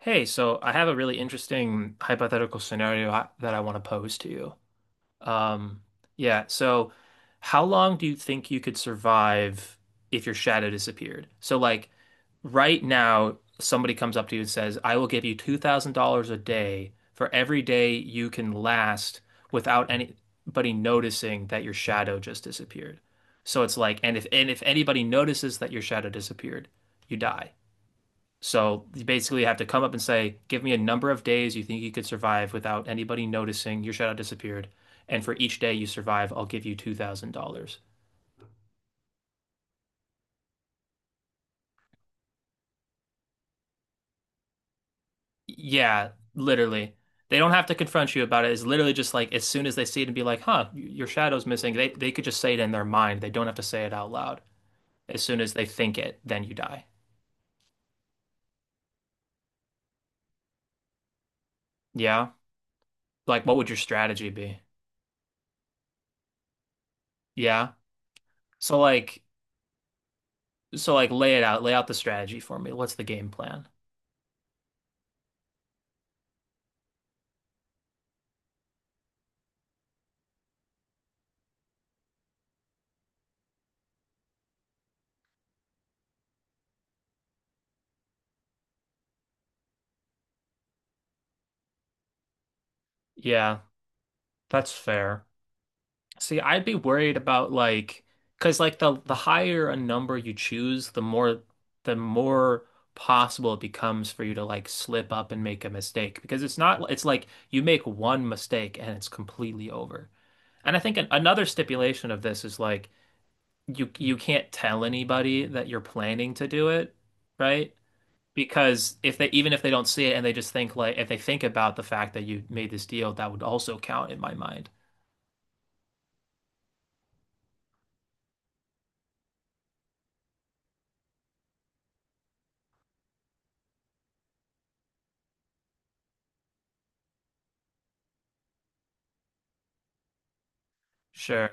Hey, so I have a really interesting hypothetical scenario that I want to pose to you. Um, yeah, so how long do you think you could survive if your shadow disappeared? So, like, right now, somebody comes up to you and says, I will give you $2,000 a day for every day you can last without anybody noticing that your shadow just disappeared. So it's like, and if anybody notices that your shadow disappeared, you die. So you basically have to come up and say, give me a number of days you think you could survive without anybody noticing your shadow disappeared. And for each day you survive, I'll give you $2,000. Yeah, literally. They don't have to confront you about it. It's literally just like as soon as they see it and be like, huh, your shadow's missing, they could just say it in their mind. They don't have to say it out loud. As soon as they think it, then you die. Yeah. Like, what would your strategy be? Yeah. So like, so like, lay it out, lay out the strategy for me. What's the game plan? Yeah, that's fair. See, I'd be worried about like, because like the higher a number you choose, the more possible it becomes for you to like slip up and make a mistake. Because it's not, it's like you make one mistake and it's completely over. And I think another stipulation of this is like you can't tell anybody that you're planning to do it, right? Because if they even if they don't see it and they just think like if they think about the fact that you made this deal, that would also count in my mind. Sure.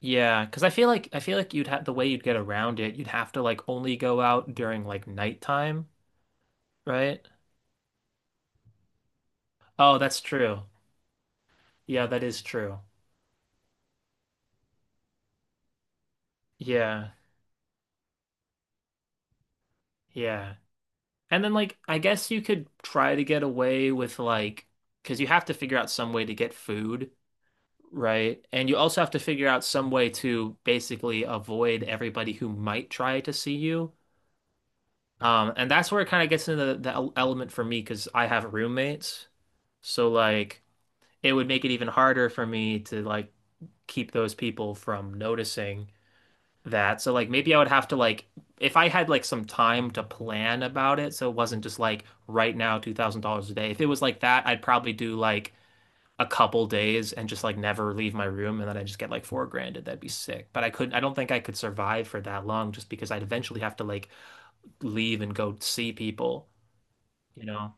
Yeah, because I feel like you'd have the way you'd get around it, you'd have to like only go out during like nighttime, right? Oh, that's true. Yeah, that is true. Yeah, yeah. And then like I guess you could try to get away with like because you have to figure out some way to get food, right? And you also have to figure out some way to basically avoid everybody who might try to see you. And that's where it kind of gets into the element for me because I have roommates. So like it would make it even harder for me to like keep those people from noticing that. So like maybe I would have to like if I had like some time to plan about it, so it wasn't just like right now $2,000 a day. If it was like that, I'd probably do like a couple days and just like never leave my room and then I just get like 4 grand that'd be sick. But I don't think I could survive for that long just because I'd eventually have to like leave and go see people, you know?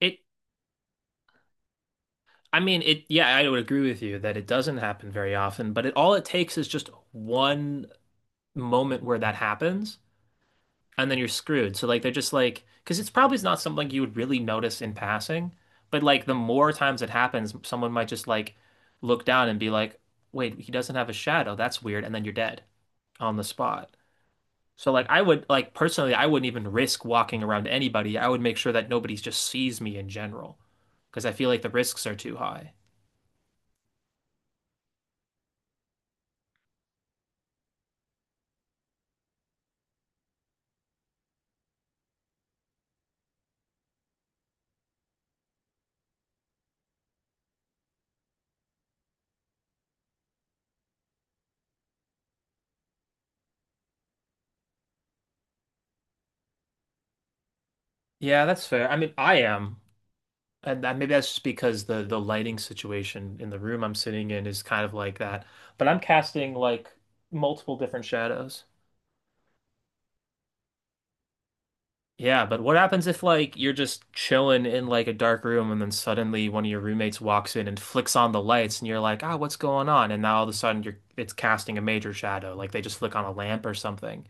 It, I mean, it, yeah, I would agree with you that it doesn't happen very often, but it all it takes is just one moment where that happens, and then you're screwed. So, like, they're just like, because it's probably not something you would really notice in passing, but like, the more times it happens, someone might just like look down and be like, wait, he doesn't have a shadow. That's weird. And then you're dead on the spot. So, like, I would, like, personally, I wouldn't even risk walking around anybody. I would make sure that nobody just sees me in general, because I feel like the risks are too high. Yeah, that's fair. I mean, I am, and that maybe that's just because the lighting situation in the room I'm sitting in is kind of like that. But I'm casting like multiple different shadows. Yeah, but what happens if like you're just chilling in like a dark room and then suddenly one of your roommates walks in and flicks on the lights and you're like, "Ah, what's going on?" And now all of a sudden you're it's casting a major shadow, like they just flick on a lamp or something.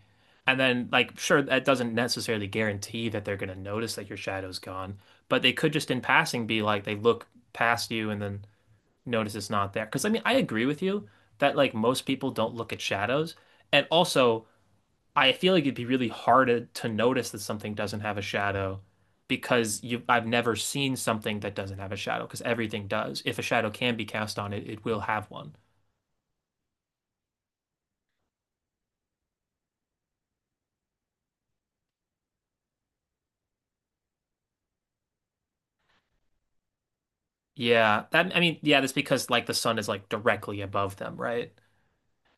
And then like sure that doesn't necessarily guarantee that they're going to notice that your shadow's gone, but they could just in passing be like they look past you and then notice it's not there. 'Cause I mean, I agree with you that like most people don't look at shadows. And also I feel like it'd be really hard to notice that something doesn't have a shadow because you I've never seen something that doesn't have a shadow because everything does. If a shadow can be cast on it, it will have one. Yeah, that I mean, yeah, that's because like the sun is like directly above them, right?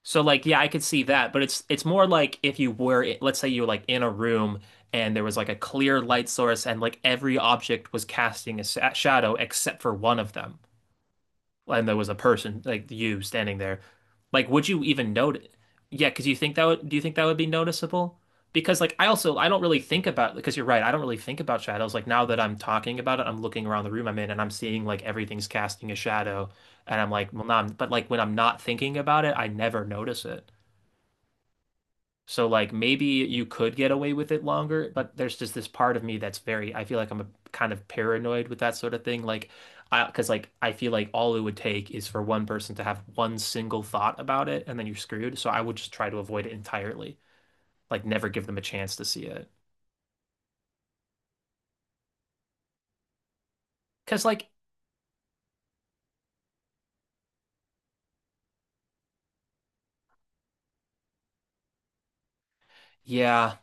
So like yeah, I could see that, but it's more like if you were let's say you were like in a room and there was like a clear light source and like every object was casting a sa shadow except for one of them. And there was a person like you standing there, like would you even notice? Yeah, because you think that would do you think that would be noticeable? Because like I don't really think about because you're right, I don't really think about shadows. Like now that I'm talking about it, I'm looking around the room I'm in and I'm seeing like everything's casting a shadow and I'm like, well, nah, but like when I'm not thinking about it, I never notice it. So like maybe you could get away with it longer, but there's just this part of me that's very, I feel like I'm a, kind of paranoid with that sort of thing. Like because like I feel like all it would take is for one person to have one single thought about it and then you're screwed. So I would just try to avoid it entirely. Like never give them a chance to see it. Cause like, yeah,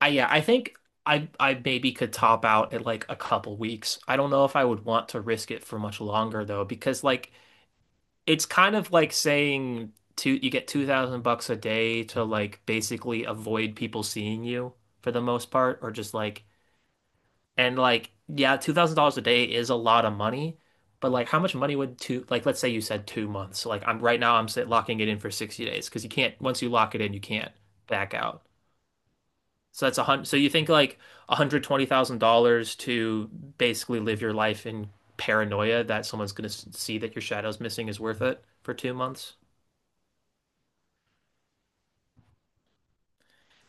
yeah, I think I maybe could top out at like a couple weeks. I don't know if I would want to risk it for much longer though, because like it's kind of like saying two you get 2,000 bucks a day to like basically avoid people seeing you for the most part or just like and like yeah $2,000 a day is a lot of money but like how much money would two like let's say you said 2 months. So like I'm right now I'm sit locking it in for 60 days because you can't once you lock it in you can't back out so that's a hundred so you think like $120,000 to basically live your life in paranoia that someone's going to see that your shadow's missing is worth it for 2 months.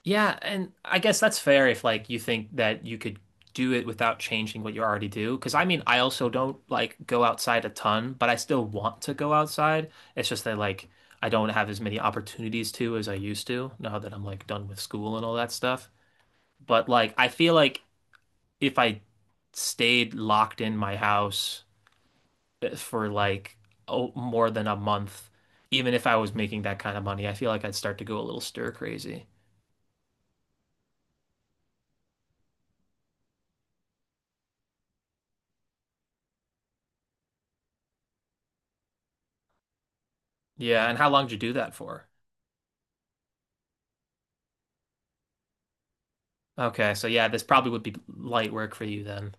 Yeah, and I guess that's fair if like you think that you could do it without changing what you already do. Because I mean, I also don't like go outside a ton, but I still want to go outside. It's just that like I don't have as many opportunities to as I used to now that I'm like done with school and all that stuff. But like I feel like if I stayed locked in my house, eh, for like oh, more than a month, even if I was making that kind of money, I feel like I'd start to go a little stir crazy. Yeah, and how long did you do that for? Okay, so yeah, this probably would be light work for you then.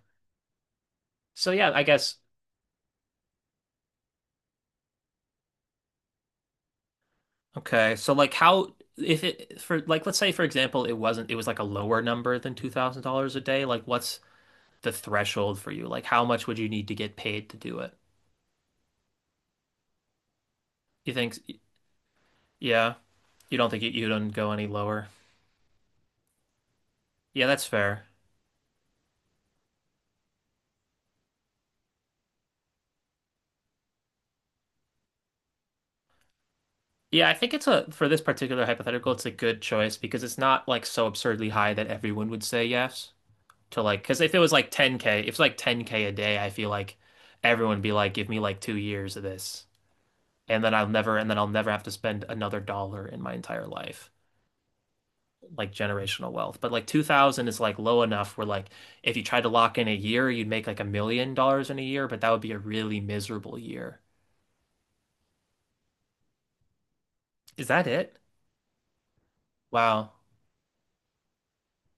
So yeah, I guess okay. So like how if it for like let's say for example it wasn't it was like a lower number than $2,000 a day, like what's the threshold for you? Like how much would you need to get paid to do it? You think yeah, you don't think you don't go any lower. Yeah, that's fair. Yeah, I think it's a for this particular hypothetical, it's a good choice because it's not like so absurdly high that everyone would say yes. To like because if it was like 10K, if it's like 10K a day, I feel like everyone would be like, give me like 2 years of this. And then I'll never have to spend another dollar in my entire life. Like generational wealth. But like 2000 is like low enough where like if you tried to lock in a year, you'd make like $1 million in a year, but that would be a really miserable year. Is that it? Wow.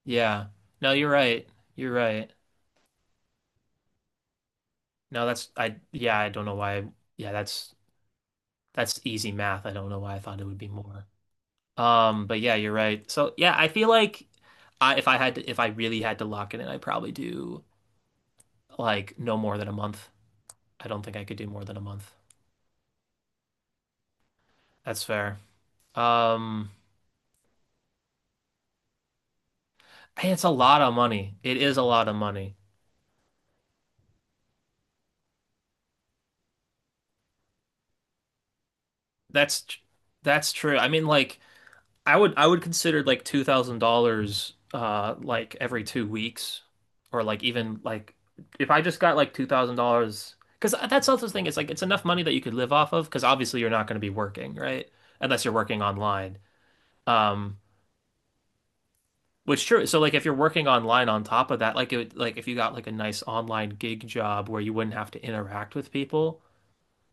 Yeah. No, you're right. You're right. No, that's I yeah, I don't know why. Yeah, that's easy math. I don't know why I thought it would be more. But yeah, you're right. So yeah, I feel like I, if I had to, if I really had to lock it in, I'd probably do like no more than a month. I don't think I could do more than a month. That's fair. Um, Hey, it's a lot of money. It is a lot of money. That's tr- that's true. I mean, like I would consider like $2,000 like every 2 weeks or like even like if I just got like $2,000 because that's also the thing it's like it's enough money that you could live off of because obviously you're not going to be working right unless you're working online um which true so like if you're working online on top of that like it would, like if you got like a nice online gig job where you wouldn't have to interact with people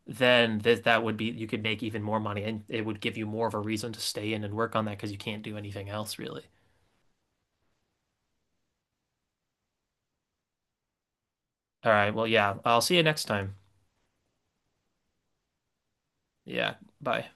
then this that would be you could make even more money and it would give you more of a reason to stay in and work on that because you can't do anything else really. All right. Well, yeah. I'll see you next time. Yeah. Bye.